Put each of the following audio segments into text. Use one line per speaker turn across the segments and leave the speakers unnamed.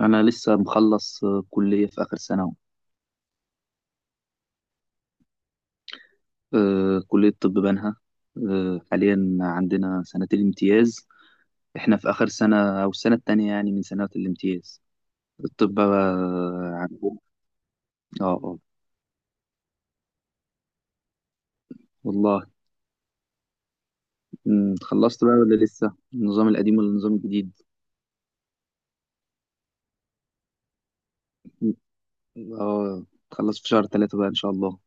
أنا لسه مخلص، كلية في آخر سنة أهو. كلية طب بنها. حاليا عندنا سنة الامتياز. إحنا في آخر سنة أو السنة التانية يعني من سنوات الامتياز الطب بقى. عندهم. آه آه، والله. خلصت بقى ولا لسه، النظام القديم ولا النظام الجديد؟ مم، تخلص في شهر 3 بقى إن شاء الله.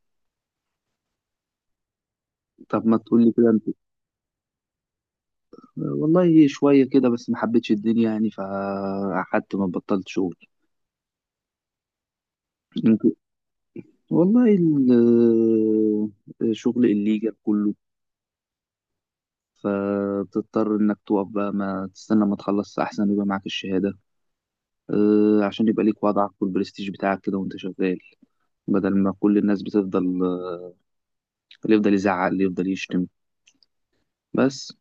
طب ما تقول لي كده أنت. والله شوية كده بس ما حبيتش الدنيا يعني، فقعدت ما بطلت شغل. والله ال- شغل الليجا كله. فبتضطر انك تقف بقى، ما تستنى ما تخلص احسن يبقى معاك الشهادة. عشان يبقى ليك وضعك والبرستيج بتاعك كده وانت شغال. بدل ما كل الناس بتفضل اللي يفضل يزعق اللي يفضل يشتم. بس.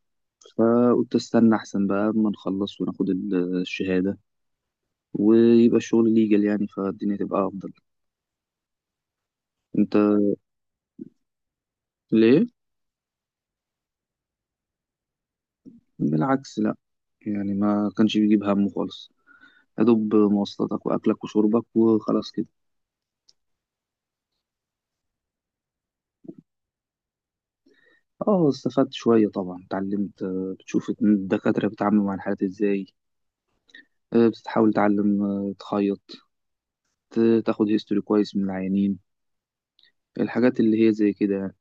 فقلت استنى احسن بقى اما نخلص وناخد الشهادة. ويبقى الشغل ليجل يعني، فالدنيا تبقى افضل. انت ليه؟ بالعكس، لا. يعني ما كانش بيجيب همه خالص. يا دوب مواصلاتك واكلك وشربك وخلاص كده. اه استفدت شويه طبعا، اتعلمت، بتشوف الدكاتره بيتعاملوا مع الحالات ازاي. بتحاول تتعلم، تخيط، تاخد هيستوري كويس من العيانين. الحاجات اللي هي زي كده يعني.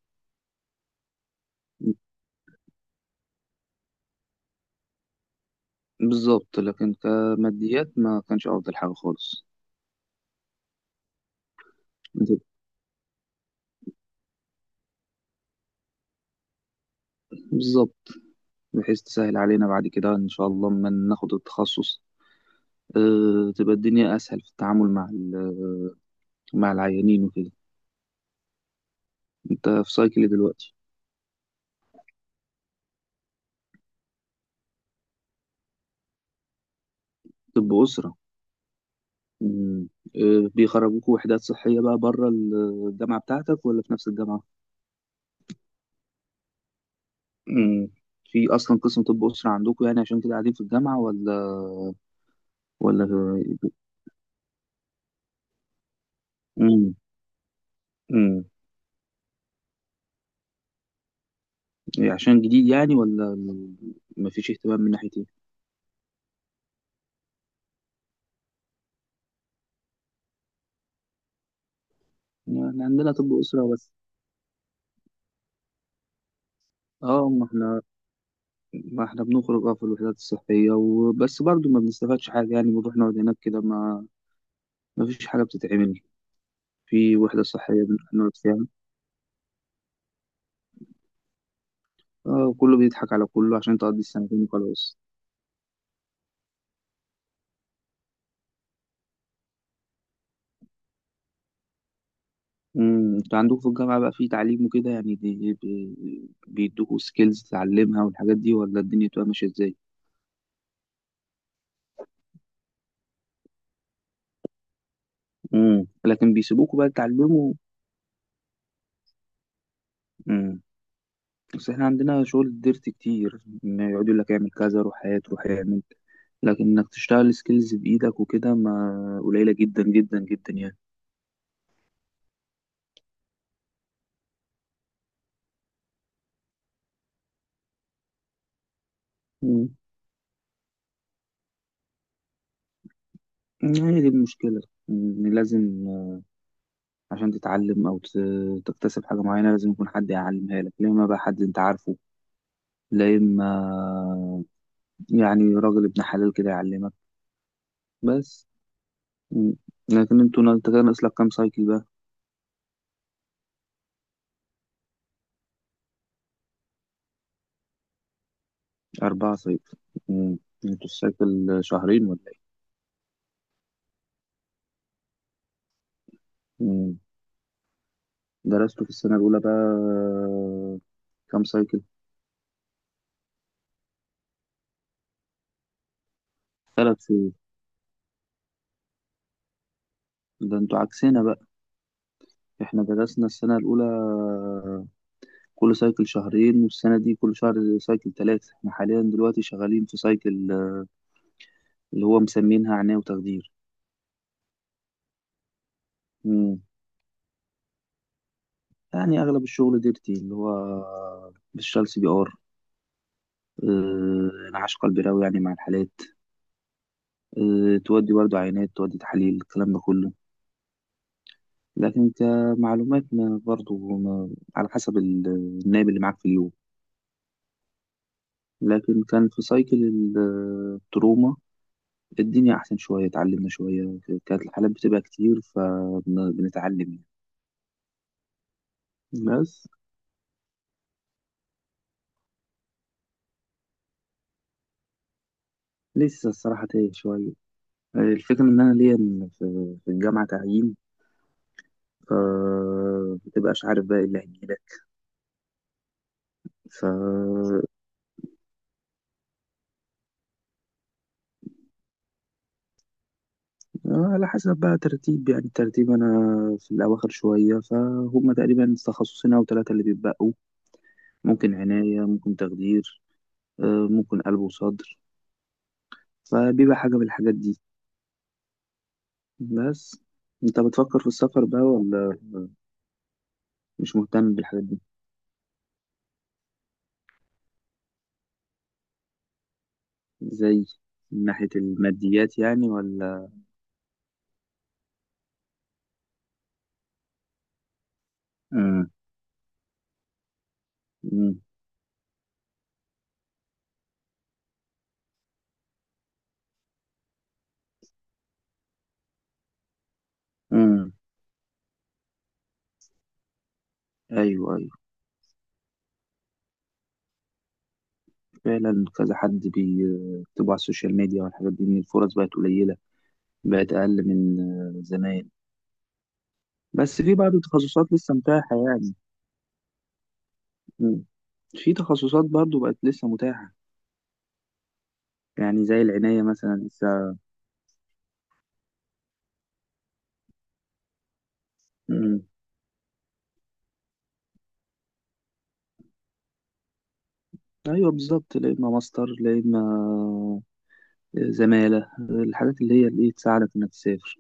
بالظبط، لكن كماديات ما كانش افضل حاجه خالص. بالظبط. بحيث تسهل علينا بعد كده ان شاء الله لما ناخد التخصص. تبقى الدنيا اسهل في التعامل مع مع العيانين وكده. انت في سايكل دلوقتي؟ طب اسره؟ مم. بيخرجوكوا وحدات صحية بقى بره الجامعة بتاعتك ولا في نفس الجامعة؟ مم. في أصلا قسم طب أسرة عندكوا يعني عشان كده قاعدين في الجامعة ولا؟ ولا. مم. مم. عشان جديد يعني، ولا مفيش اهتمام من ناحية إيه؟ يعني عندنا طب أسرة بس. اه ما احنا بنخرج اه في الوحدات الصحية وبس، برضو ما بنستفادش حاجة يعني، بنروح نقعد هناك كده، ما فيش حاجة بتتعمل. في وحدة صحية بنروح نقعد فيها. اه، كله بيضحك على كله عشان تقضي السنتين وخلاص. امم، انتوا عندكم في الجامعة بقى في تعليم وكده يعني؟ دي بيدوكوا سكيلز تتعلمها والحاجات دي، ولا الدنيا بتبقى ماشية ازاي؟ امم، لكن بيسيبوكوا بقى تتعلموا. امم. بس احنا عندنا شغل ديرت كتير، إن يقعدوا يقول لك اعمل كذا روح هات روح اعمل. لكن انك تشتغل سكيلز بايدك وكده، ما قليلة جدا جدا جدا يعني. امم. هي دي المشكلة. إن لازم عشان تتعلم او تكتسب حاجه معينه، لازم يكون حد يعلمها لك. لا اما بقى حد انت عارفه، لا اما يعني راجل ابن حلال كده يعلمك. بس. مم. لكن انتوا، انت كان ناقص لك كام سايكل بقى؟ 4 سايكل. مم. انتوا السايكل شهرين ولا ايه؟ مم. درستوا في السنه الاولى بقى كام سايكل؟ 3 شهور. ده انتوا عكسنا بقى. احنا درسنا السنه الاولى كل سايكل شهرين، والسنه دي كل شهر سايكل ثلاثه. احنا حاليا دلوقتي شغالين في سايكل اللي هو مسمينها عناية وتخدير. امم. يعني أغلب الشغل ديرتي، اللي هو بالشال CPR. انعاش قلبي راوي يعني مع الحالات. تودي برضو عينات، تودي تحاليل، الكلام ده كله. لكن كمعلومات ما برضو ما على حسب النائب اللي معاك في اليوم. لكن كان في سايكل التروما، الدنيا أحسن شوية، اتعلمنا شوية. كانت الحالات بتبقى كتير، فبنتعلم يعني. بس. لسه الصراحة تايه شوية. الفكرة إن أنا ليا في الجامعة تعيين. فمتبقاش عارف بقى إيه اللي هيجيلك. ف على حسب بقى ترتيب يعني. الترتيب أنا في الأواخر شوية، فهم تقريبا تخصصين أو ثلاثة اللي بيتبقوا. ممكن عناية، ممكن تخدير، ممكن قلب وصدر. فبيبقى حاجة من الحاجات دي. بس. أنت بتفكر في السفر بقى، ولا مش مهتم بالحاجات دي؟ زي من ناحية الماديات يعني، ولا؟ مم. مم. مم. أيوه. أيوه. فعلا كذا حد بيكتبوا على السوشيال ميديا والحاجات دي، ان الفرص بقت قليله. بقت اقل من زمان. بس في بعض التخصصات لسه متاحه يعني. مم. في تخصصات برضو بقت لسه متاحه. يعني زي العنايه مثلا لسه. مم. ايوه بالظبط. لا اما ماستر، لا اما زماله، الحاجات اللي هي اللي تساعدك انك تسافر.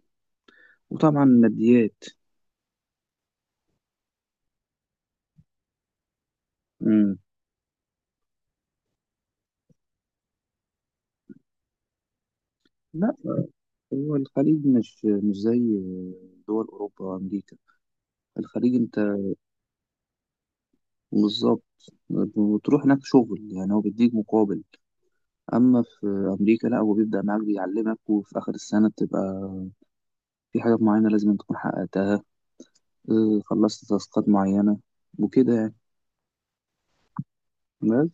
وطبعا ماديات. مم. لا، هو الخليج مش زي دول اوروبا وامريكا. الخليج انت بالظبط، وتروح هناك شغل يعني هو بيديك مقابل. اما في امريكا لا، هو بيبدا معاك بيعلمك، وفي اخر السنه بتبقى في حاجات معينه لازم تكون حققتها. خلصت تاسكات معينه وكده يعني. بس.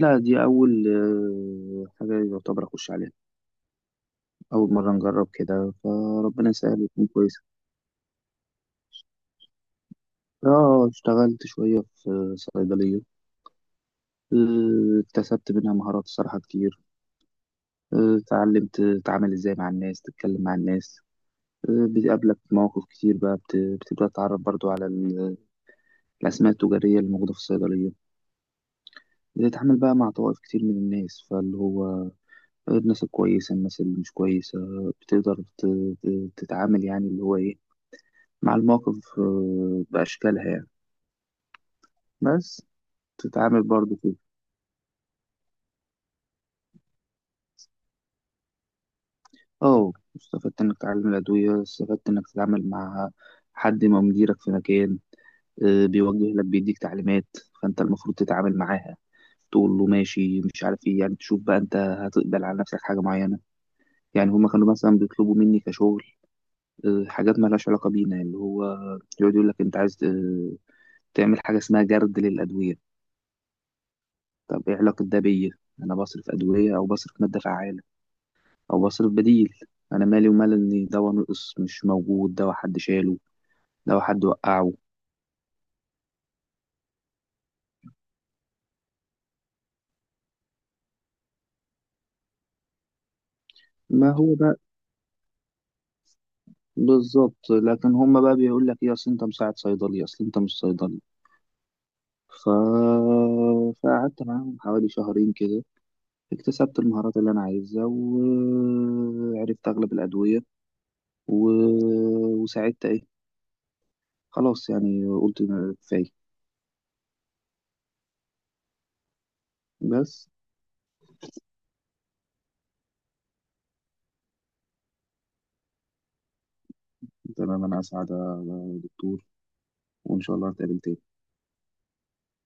لا، دي اول حاجه يعتبر اخش عليها. اول مره نجرب كده، فربنا يسهل وتكون كويسه. اه، اشتغلت شويه في صيدليه. اكتسبت منها مهارات صراحه كتير. اتعلمت تتعامل ازاي مع الناس، تتكلم مع الناس. بتقابلك مواقف كتير بقى، بتبدأ تتعرف برضو على الأسماء التجارية اللي موجودة في الصيدلية. بتتعامل بقى مع طوائف كتير من الناس، فاللي هو الناس الكويسة، الناس اللي مش كويسة. بتقدر تتعامل يعني اللي هو إيه، مع المواقف بأشكالها يعني. بس. تتعامل برضو كده. اه، استفدت إنك تتعلم الأدوية، استفدت إنك تتعامل مع حد ما مديرك في مكان، بيوجه لك بيديك تعليمات. فانت المفروض تتعامل معاها، تقول له ماشي مش عارف ايه يعني، تشوف بقى انت هتقبل على نفسك حاجة معينة. يعني هما كانوا مثلا بيطلبوا مني كشغل حاجات ما لهاش علاقة بينا، اللي هو يقعد يقول لك انت عايز تعمل حاجة اسمها جرد للأدوية. طب ايه علاقة ده بيا؟ انا بصرف أدوية او بصرف مادة فعالة، او بصرف بديل. انا مالي ومال ان دواء نقص مش موجود، دواء حد شاله، دواء حد وقعه. ما هو ده. بالظبط، لكن هما بقى بيقول لك ايه، اصل انت مساعد صيدلي، اصل انت مش صيدلي. ف... فقعدت معاهم حوالي شهرين كده. اكتسبت المهارات اللي انا عايزها وعرفت اغلب الادويه. و... وساعدت ايه. خلاص يعني قلت كفايه. بس. تمام، انا اسعد يا دكتور، وان شاء الله نتقابل تاني.